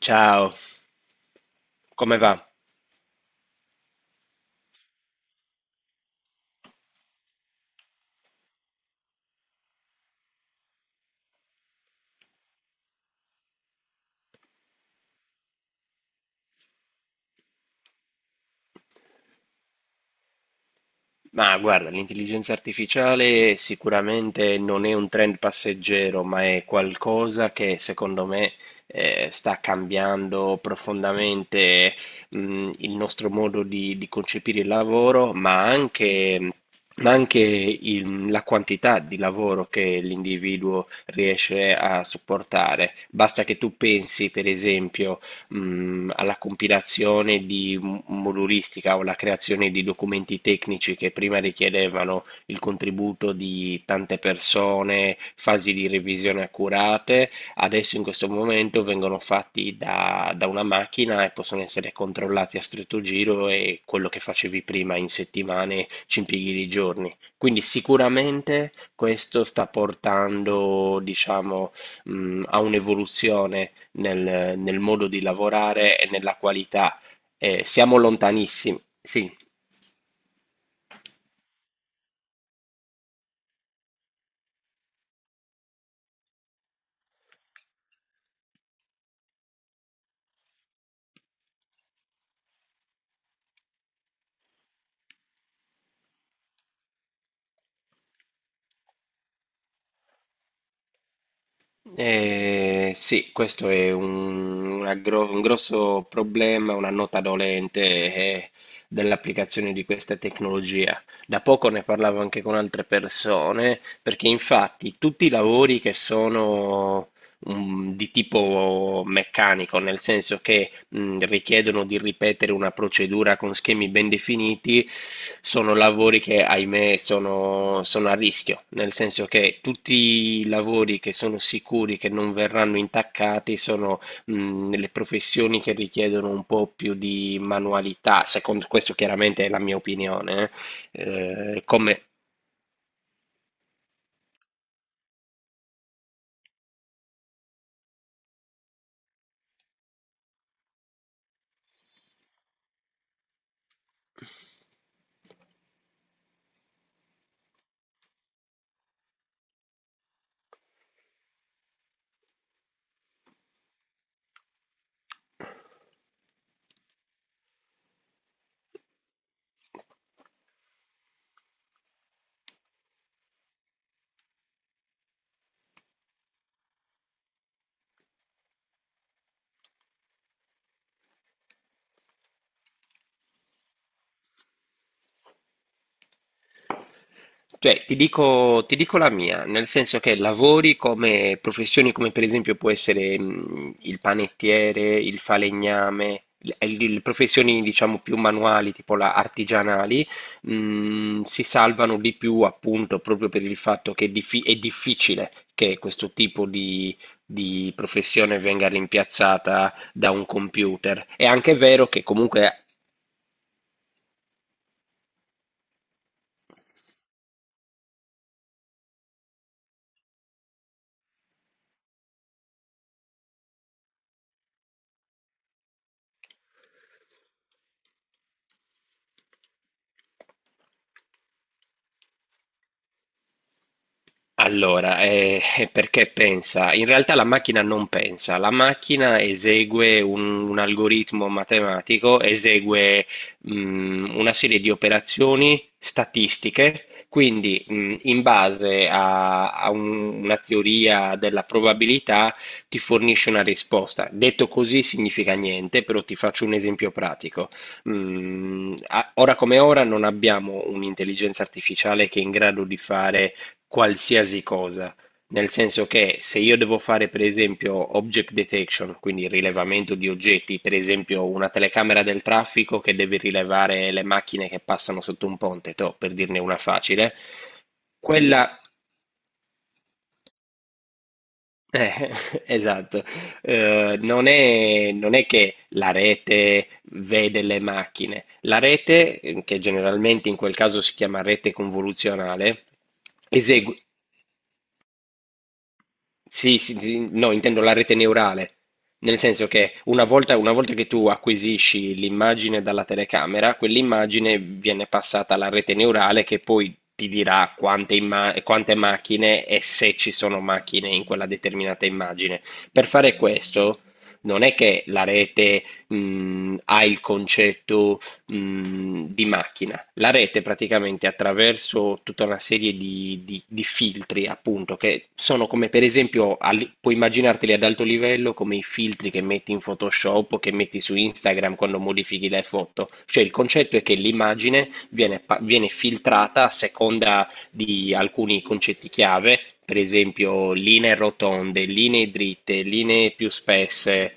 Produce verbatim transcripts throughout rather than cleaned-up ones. Ciao, come va? Ma guarda, l'intelligenza artificiale sicuramente non è un trend passeggero, ma è qualcosa che secondo me eh, sta cambiando profondamente mh, il nostro modo di, di concepire il lavoro, ma anche, ma anche il- la quantità di lavoro che l'individuo riesce a sopportare. Basta che tu pensi, per esempio, mh, alla compilazione di m- modulistica o alla creazione di documenti tecnici che prima richiedevano il contributo di tante persone, fasi di revisione accurate. Adesso in questo momento vengono fatti da, da una macchina e possono essere controllati a stretto giro, e quello che facevi prima in settimane ci impieghi di giorni. Quindi sicuramente questo sta portando, diciamo, mh, a un'evoluzione nel, nel modo di lavorare e nella qualità. Eh, siamo lontanissimi, sì. Eh, sì, questo è un, una gro- un grosso problema, una nota dolente eh, dell'applicazione di questa tecnologia. Da poco ne parlavo anche con altre persone, perché infatti tutti i lavori che sono mm, di tipo meccanico, nel senso che mh, richiedono di ripetere una procedura con schemi ben definiti, sono lavori che, ahimè, sono, sono a rischio, nel senso che tutti i lavori che sono sicuri che non verranno intaccati sono mh, le professioni che richiedono un po' più di manualità. Secondo questo, chiaramente, è la mia opinione. eh, Eh, come... Cioè, ti dico, ti dico la mia, nel senso che lavori come professioni come per esempio può essere mh, il panettiere, il falegname, le, le professioni diciamo più manuali, tipo la artigianali, mh, si salvano di più, appunto, proprio per il fatto che è, diffi- è difficile che questo tipo di, di professione venga rimpiazzata da un computer. È anche vero che comunque. Allora, eh, è perché pensa: in realtà la macchina non pensa, la macchina esegue un, un algoritmo matematico, esegue mh, una serie di operazioni statistiche, quindi mh, in base a, a un- una teoria della probabilità ti fornisce una risposta. Detto così significa niente, però ti faccio un esempio pratico. Mm, a- ora come ora non abbiamo un'intelligenza artificiale che è in grado di fare qualsiasi cosa, nel senso che se io devo fare per esempio object detection, quindi il rilevamento di oggetti, per esempio una telecamera del traffico che deve rilevare le macchine che passano sotto un ponte, toh, per dirne una facile. quella... eh, esatto. Eh, non è, non è che la rete vede le macchine; la rete, eh, che generalmente in quel caso si chiama rete convoluzionale, esegue. Sì, sì, sì, no, intendo la rete neurale, nel senso che una volta, una volta che tu acquisisci l'immagine dalla telecamera, quell'immagine viene passata alla rete neurale, che poi ti dirà quante, imma- quante macchine, e se ci sono macchine in quella determinata immagine. Per fare questo, non è che la rete, mh, ha il concetto, mh, di macchina. La rete praticamente, attraverso tutta una serie di, di- di filtri, appunto, che sono come, per esempio, al- puoi immaginarteli ad alto livello come i filtri che metti in Photoshop o che metti su Instagram quando modifichi le foto. Cioè, il concetto è che l'immagine viene, pa- viene filtrata a seconda di alcuni concetti chiave, per esempio linee rotonde, linee dritte, linee più spesse.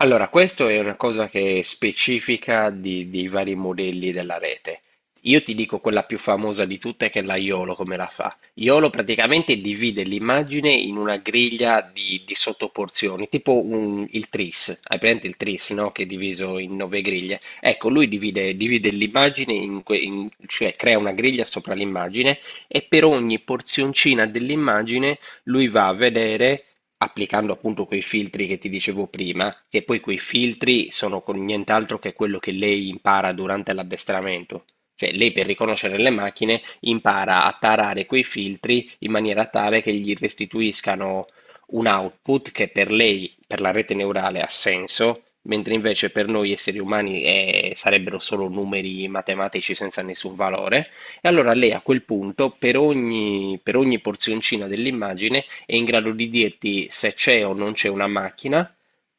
Allora, questo è una cosa che è specifica di, dei vari modelli della rete. Io ti dico quella più famosa di tutte, che è la YOLO, come la fa. YOLO praticamente divide l'immagine in una griglia di, di sottoporzioni, tipo un- il tris. Hai presente il tris, no? Che è diviso in nove griglie. Ecco, lui divide, divide l'immagine, in que- in- cioè crea una griglia sopra l'immagine, e per ogni porzioncina dell'immagine lui va a vedere, applicando appunto quei filtri che ti dicevo prima, e poi quei filtri sono con nient'altro che quello che lei impara durante l'addestramento. Cioè, lei per riconoscere le macchine impara a tarare quei filtri in maniera tale che gli restituiscano un output che per lei, per la rete neurale, ha senso, mentre invece per noi esseri umani eh, sarebbero solo numeri matematici senza nessun valore. E allora lei a quel punto, per ogni, per ogni porzioncina dell'immagine, è in grado di dirti se c'è o non c'è una macchina,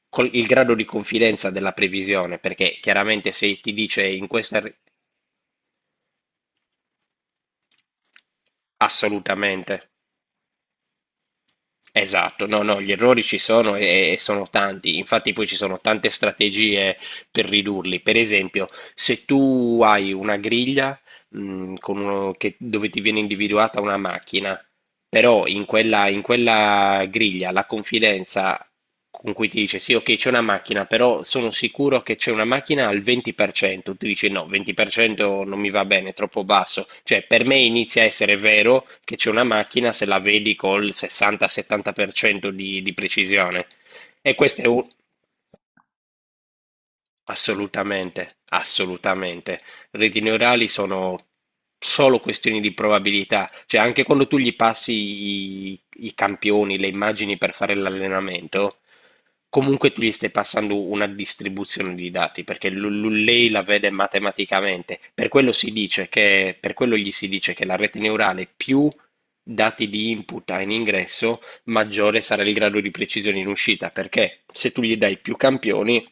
col- il grado di confidenza della previsione. Perché chiaramente se ti dice in questa... ri- Assolutamente. Esatto, no, no, gli errori ci sono e, e sono tanti, infatti poi ci sono tante strategie per ridurli. Per esempio, se tu hai una griglia mh, con uno che- dove ti viene individuata una macchina, però in quella, in quella griglia la confidenza con cui ti dice sì, ok, c'è una macchina, però sono sicuro che c'è una macchina al venti per cento. Tu dici no, venti per cento non mi va bene, è troppo basso. Cioè, per me inizia a essere vero che c'è una macchina se la vedi col sessanta settanta per cento di, di precisione. E questo è un... Assolutamente, assolutamente. Reti neurali sono solo questioni di probabilità, cioè anche quando tu gli passi i, i campioni, le immagini per fare l'allenamento, comunque tu gli stai passando una distribuzione di dati, perché l- l- lei la vede matematicamente. Per quello si dice che, per quello gli si dice che la rete neurale più dati di input ha in ingresso, maggiore sarà il grado di precisione in uscita, perché se tu gli dai più campioni,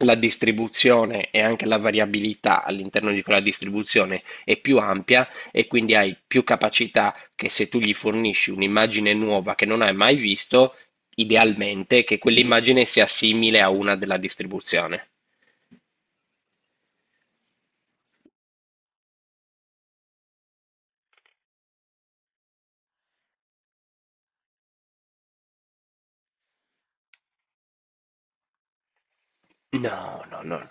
la distribuzione e anche la variabilità all'interno di quella distribuzione è più ampia, e quindi hai più capacità che, se tu gli fornisci un'immagine nuova che non hai mai visto, idealmente che quell'immagine sia simile a una della distribuzione. No, no, no, no.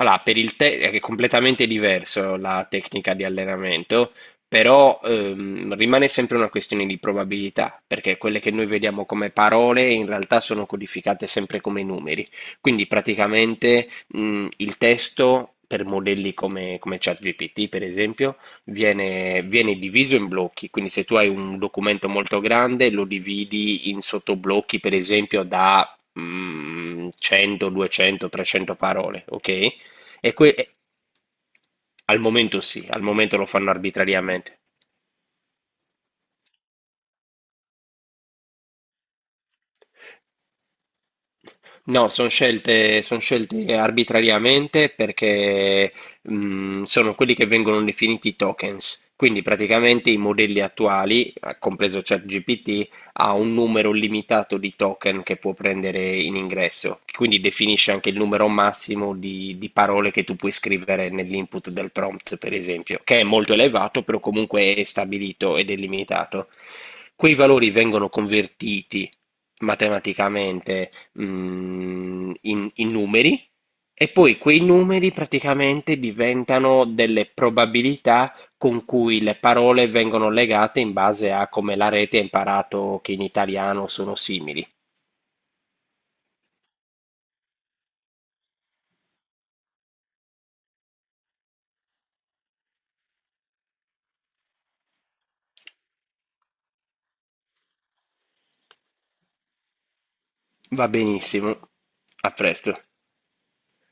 Allora, per il te è completamente diverso la tecnica di allenamento, però ehm, rimane sempre una questione di probabilità, perché quelle che noi vediamo come parole in realtà sono codificate sempre come numeri. Quindi praticamente mh, il testo per modelli come, come ChatGPT, per esempio, viene, viene diviso in blocchi. Quindi se tu hai un documento molto grande, lo dividi in sottoblocchi, per esempio, da mm, cento, duecento, trecento parole, ok? E que- e- al momento sì, al momento lo fanno arbitrariamente. No, sono scelte, son scelte arbitrariamente, perché mh, sono quelli che vengono definiti tokens. Quindi praticamente i modelli attuali, eh, compreso ChatGPT, ha un numero limitato di token che può prendere in ingresso. Quindi definisce anche il numero massimo di, di parole che tu puoi scrivere nell'input del prompt, per esempio, che è molto elevato, però comunque è stabilito ed è limitato. Quei valori vengono convertiti matematicamente mm, in, in numeri, e poi quei numeri praticamente diventano delle probabilità con cui le parole vengono legate in base a come la rete ha imparato che in italiano sono simili. Va benissimo, a presto.